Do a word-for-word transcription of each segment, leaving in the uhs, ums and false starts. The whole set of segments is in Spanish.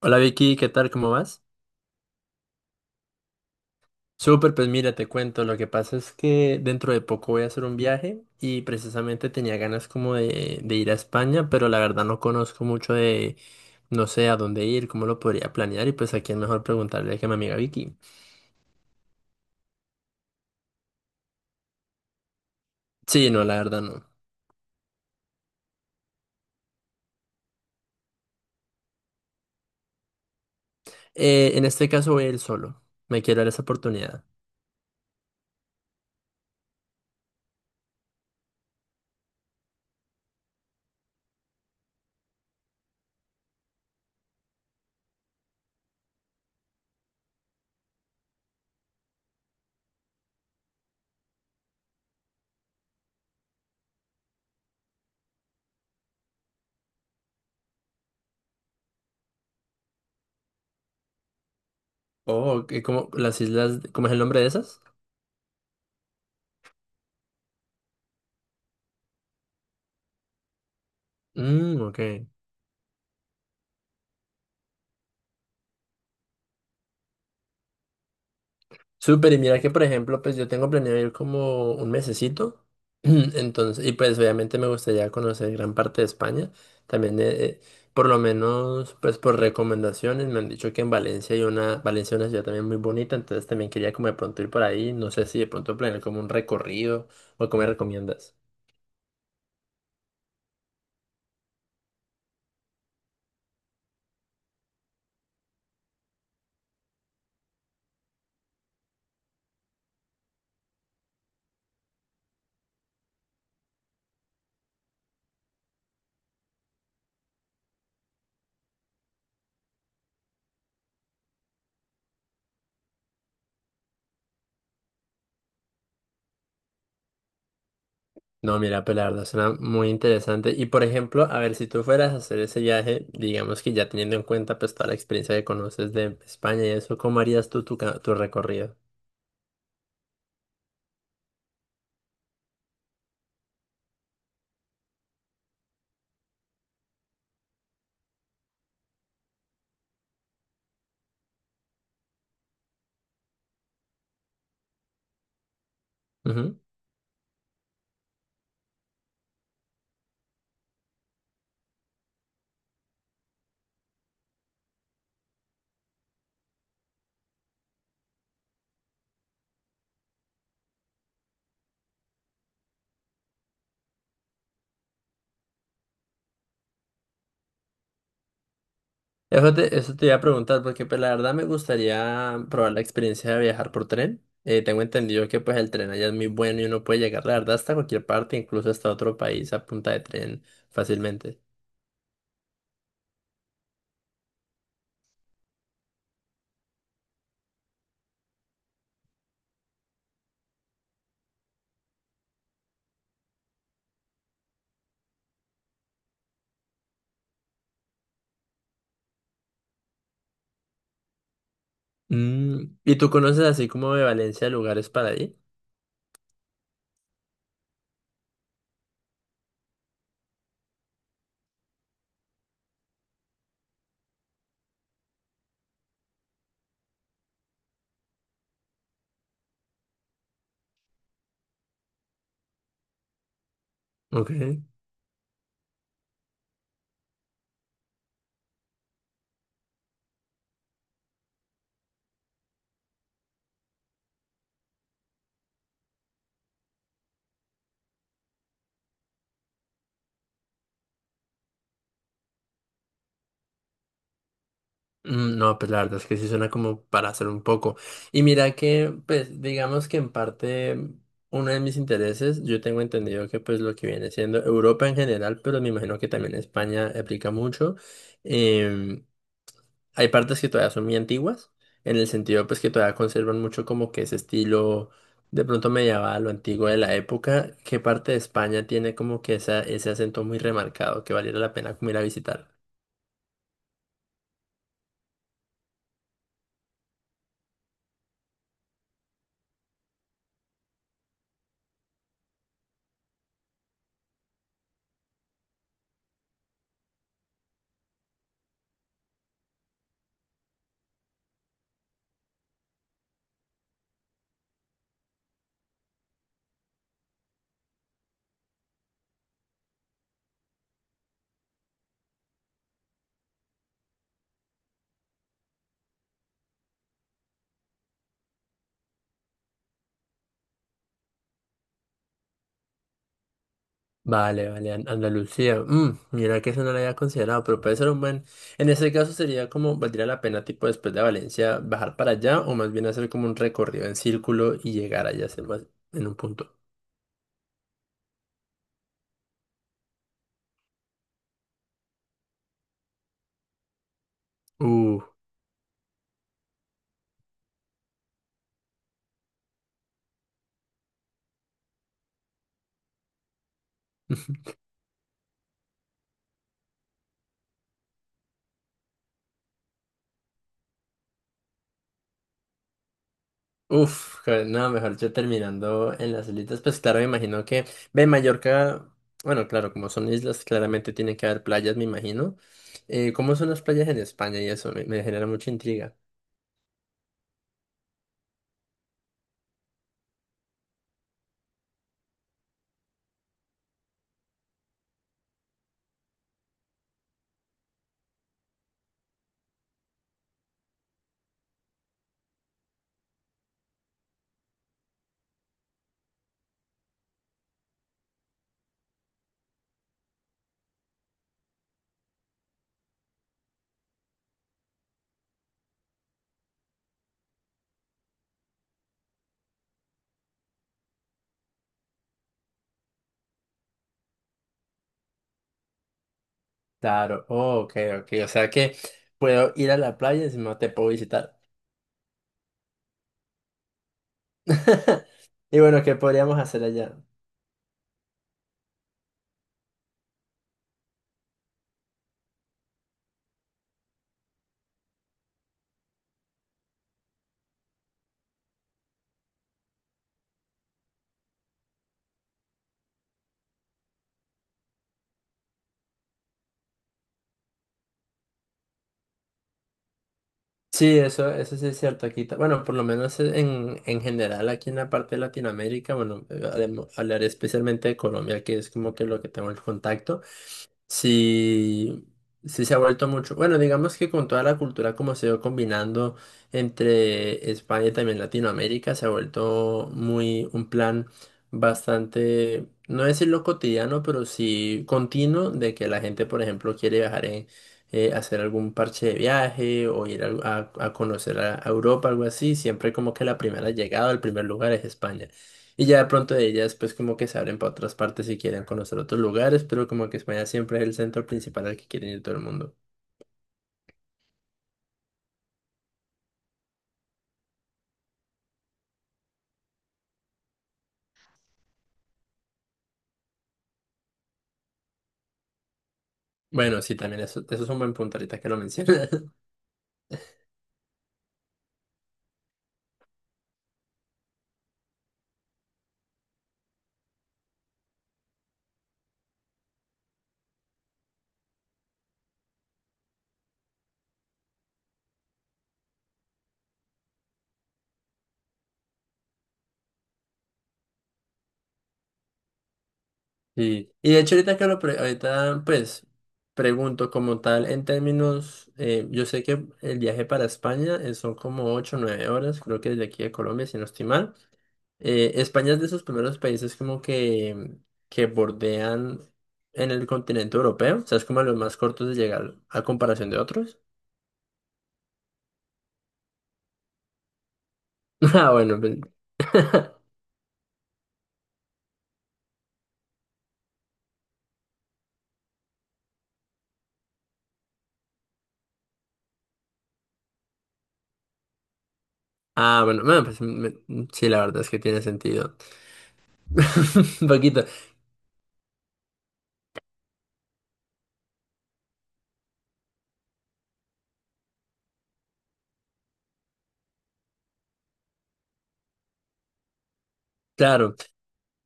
Hola Vicky, ¿qué tal? ¿Cómo vas? Súper, pues mira, te cuento, lo que pasa es que dentro de poco voy a hacer un viaje y precisamente tenía ganas como de, de ir a España, pero la verdad no conozco mucho de, no sé a dónde ir, cómo lo podría planear y pues a quién mejor preguntarle que a mi amiga Vicky. Sí, no, la verdad no. Eh, en este caso voy a ir solo, me quiero dar esa oportunidad. Oh, ¿qué- ¿cómo, las islas, cómo es el nombre de esas? Mm, ok. Súper, y mira que por ejemplo, pues yo tengo planeado ir como un mesecito, entonces, y pues obviamente me gustaría conocer gran parte de España, también eh, eh, por lo menos, pues por recomendaciones, me han dicho que en Valencia hay una, Valencia es una ciudad también muy bonita, entonces también quería como de pronto ir por ahí, no sé si de pronto planear como un recorrido o cómo me recomiendas. No, mira, pues la verdad suena muy interesante. Y por ejemplo, a ver, si tú fueras a hacer ese viaje, digamos que ya teniendo en cuenta pues toda la experiencia que conoces de España y eso, ¿cómo harías tú tu, ca- tu recorrido? Ujú. Eso te, eso te iba a preguntar, porque pues la verdad me gustaría probar la experiencia de viajar por tren. Eh, tengo entendido que pues el tren allá es muy bueno y uno puede llegar, la verdad, hasta cualquier parte, incluso hasta otro país a punta de tren fácilmente. Mm, ¿y tú conoces así como de Valencia lugares para ir? Ok. Mm, no, pues la verdad es que sí suena como para hacer un poco. Y mira que, pues digamos que en parte uno de mis intereses, yo tengo entendido que pues lo que viene siendo Europa en general, pero me imagino que también España aplica mucho. em, Hay partes que todavía son muy antiguas, en el sentido pues que todavía conservan mucho como que ese estilo de pronto medieval o antiguo de la época. ¿Qué parte de España tiene como que esa, ese acento muy remarcado que valiera la pena como ir a visitar? Vale, vale, An- Andalucía. Mm, mira que eso no lo había considerado, pero puede ser un buen. En ese caso sería como valdría la pena, tipo después de Valencia, bajar para allá o más bien hacer como un recorrido en círculo y llegar allá hacer más en un punto. Uh, uf, que- no, mejor yo terminando en las islitas, pues claro, me imagino que. Ve, Mallorca, bueno, claro, como son islas, claramente tienen que haber playas, me imagino. Eh, ¿cómo son las playas en España y eso? me me genera mucha intriga. Claro, oh, ok, ok. O sea que puedo ir a la playa y si no te puedo visitar. Y bueno, ¿qué podríamos hacer allá? Sí, eso, eso sí es cierto aquí. Ta- Bueno, por lo menos e, en, en general aquí en la parte de Latinoamérica, bueno, eh, hablemo- hablaré especialmente de Colombia, que es como que lo que tengo el contacto. Sí, sí se ha vuelto mucho. Bueno, digamos que con toda la cultura como se va combinando entre España y también Latinoamérica, se ha vuelto muy un plan bastante, no decirlo cotidiano, pero sí continuo de que la gente, por ejemplo, quiere viajar en, eh, hacer algún parche de viaje o ir a, a- a conocer a a Europa, algo así. Siempre como que la primera llegada, el primer lugar es España. Y ya de pronto de ellas, pues como que se abren para otras partes y quieren conocer otros lugares, pero como que España siempre es el centro principal al que quieren ir todo el mundo. Bueno, sí, también eso, eso es un buen punto ahorita que lo mencionas. Sí. Y de hecho ahorita que lo pre- ahorita pues pregunto como tal en términos, eh, yo sé que el viaje para España eh, son como ocho o nueve horas, creo que desde aquí de Colombia, si no estoy mal. Eh, España es de esos primeros países como que, que bordean en el continente europeo, o sea, es como de los más cortos de llegar a comparación de otros. Ah, bueno, pues- ah, bueno, bueno, pues me- sí, la verdad es que tiene sentido. Un poquito, claro.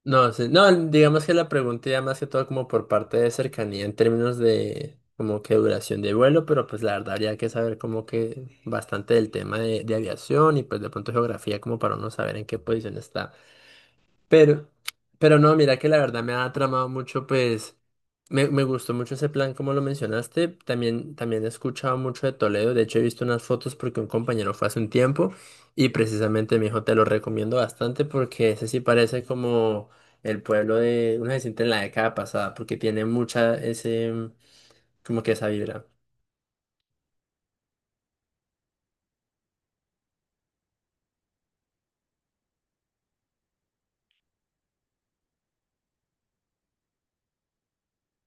No, sí, no, digamos que la pregunta ya más que todo como por parte de cercanía en términos de como que duración de vuelo, pero pues la verdad habría que saber como que bastante del tema de, de aviación y pues de pronto geografía como para uno saber en qué posición está. Pero, pero no, mira que la verdad me ha tramado mucho, pues me, me gustó mucho ese plan como lo mencionaste. También, también he escuchado mucho de Toledo. De hecho, he visto unas fotos porque un compañero fue hace un tiempo y precisamente me dijo, te lo recomiendo bastante porque ese sí parece como el pueblo de una gente en la década pasada porque tiene mucha ese, mm, como que esa vibra.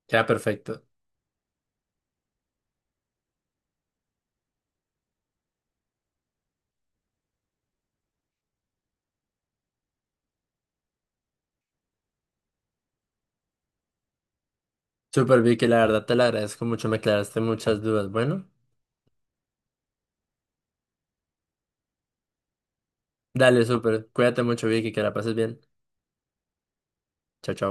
Queda perfecto. Súper Vicky, la verdad te la agradezco mucho, me aclaraste muchas dudas. Bueno, dale, súper. Cuídate mucho Vicky, que la pases bien. Chao, chao.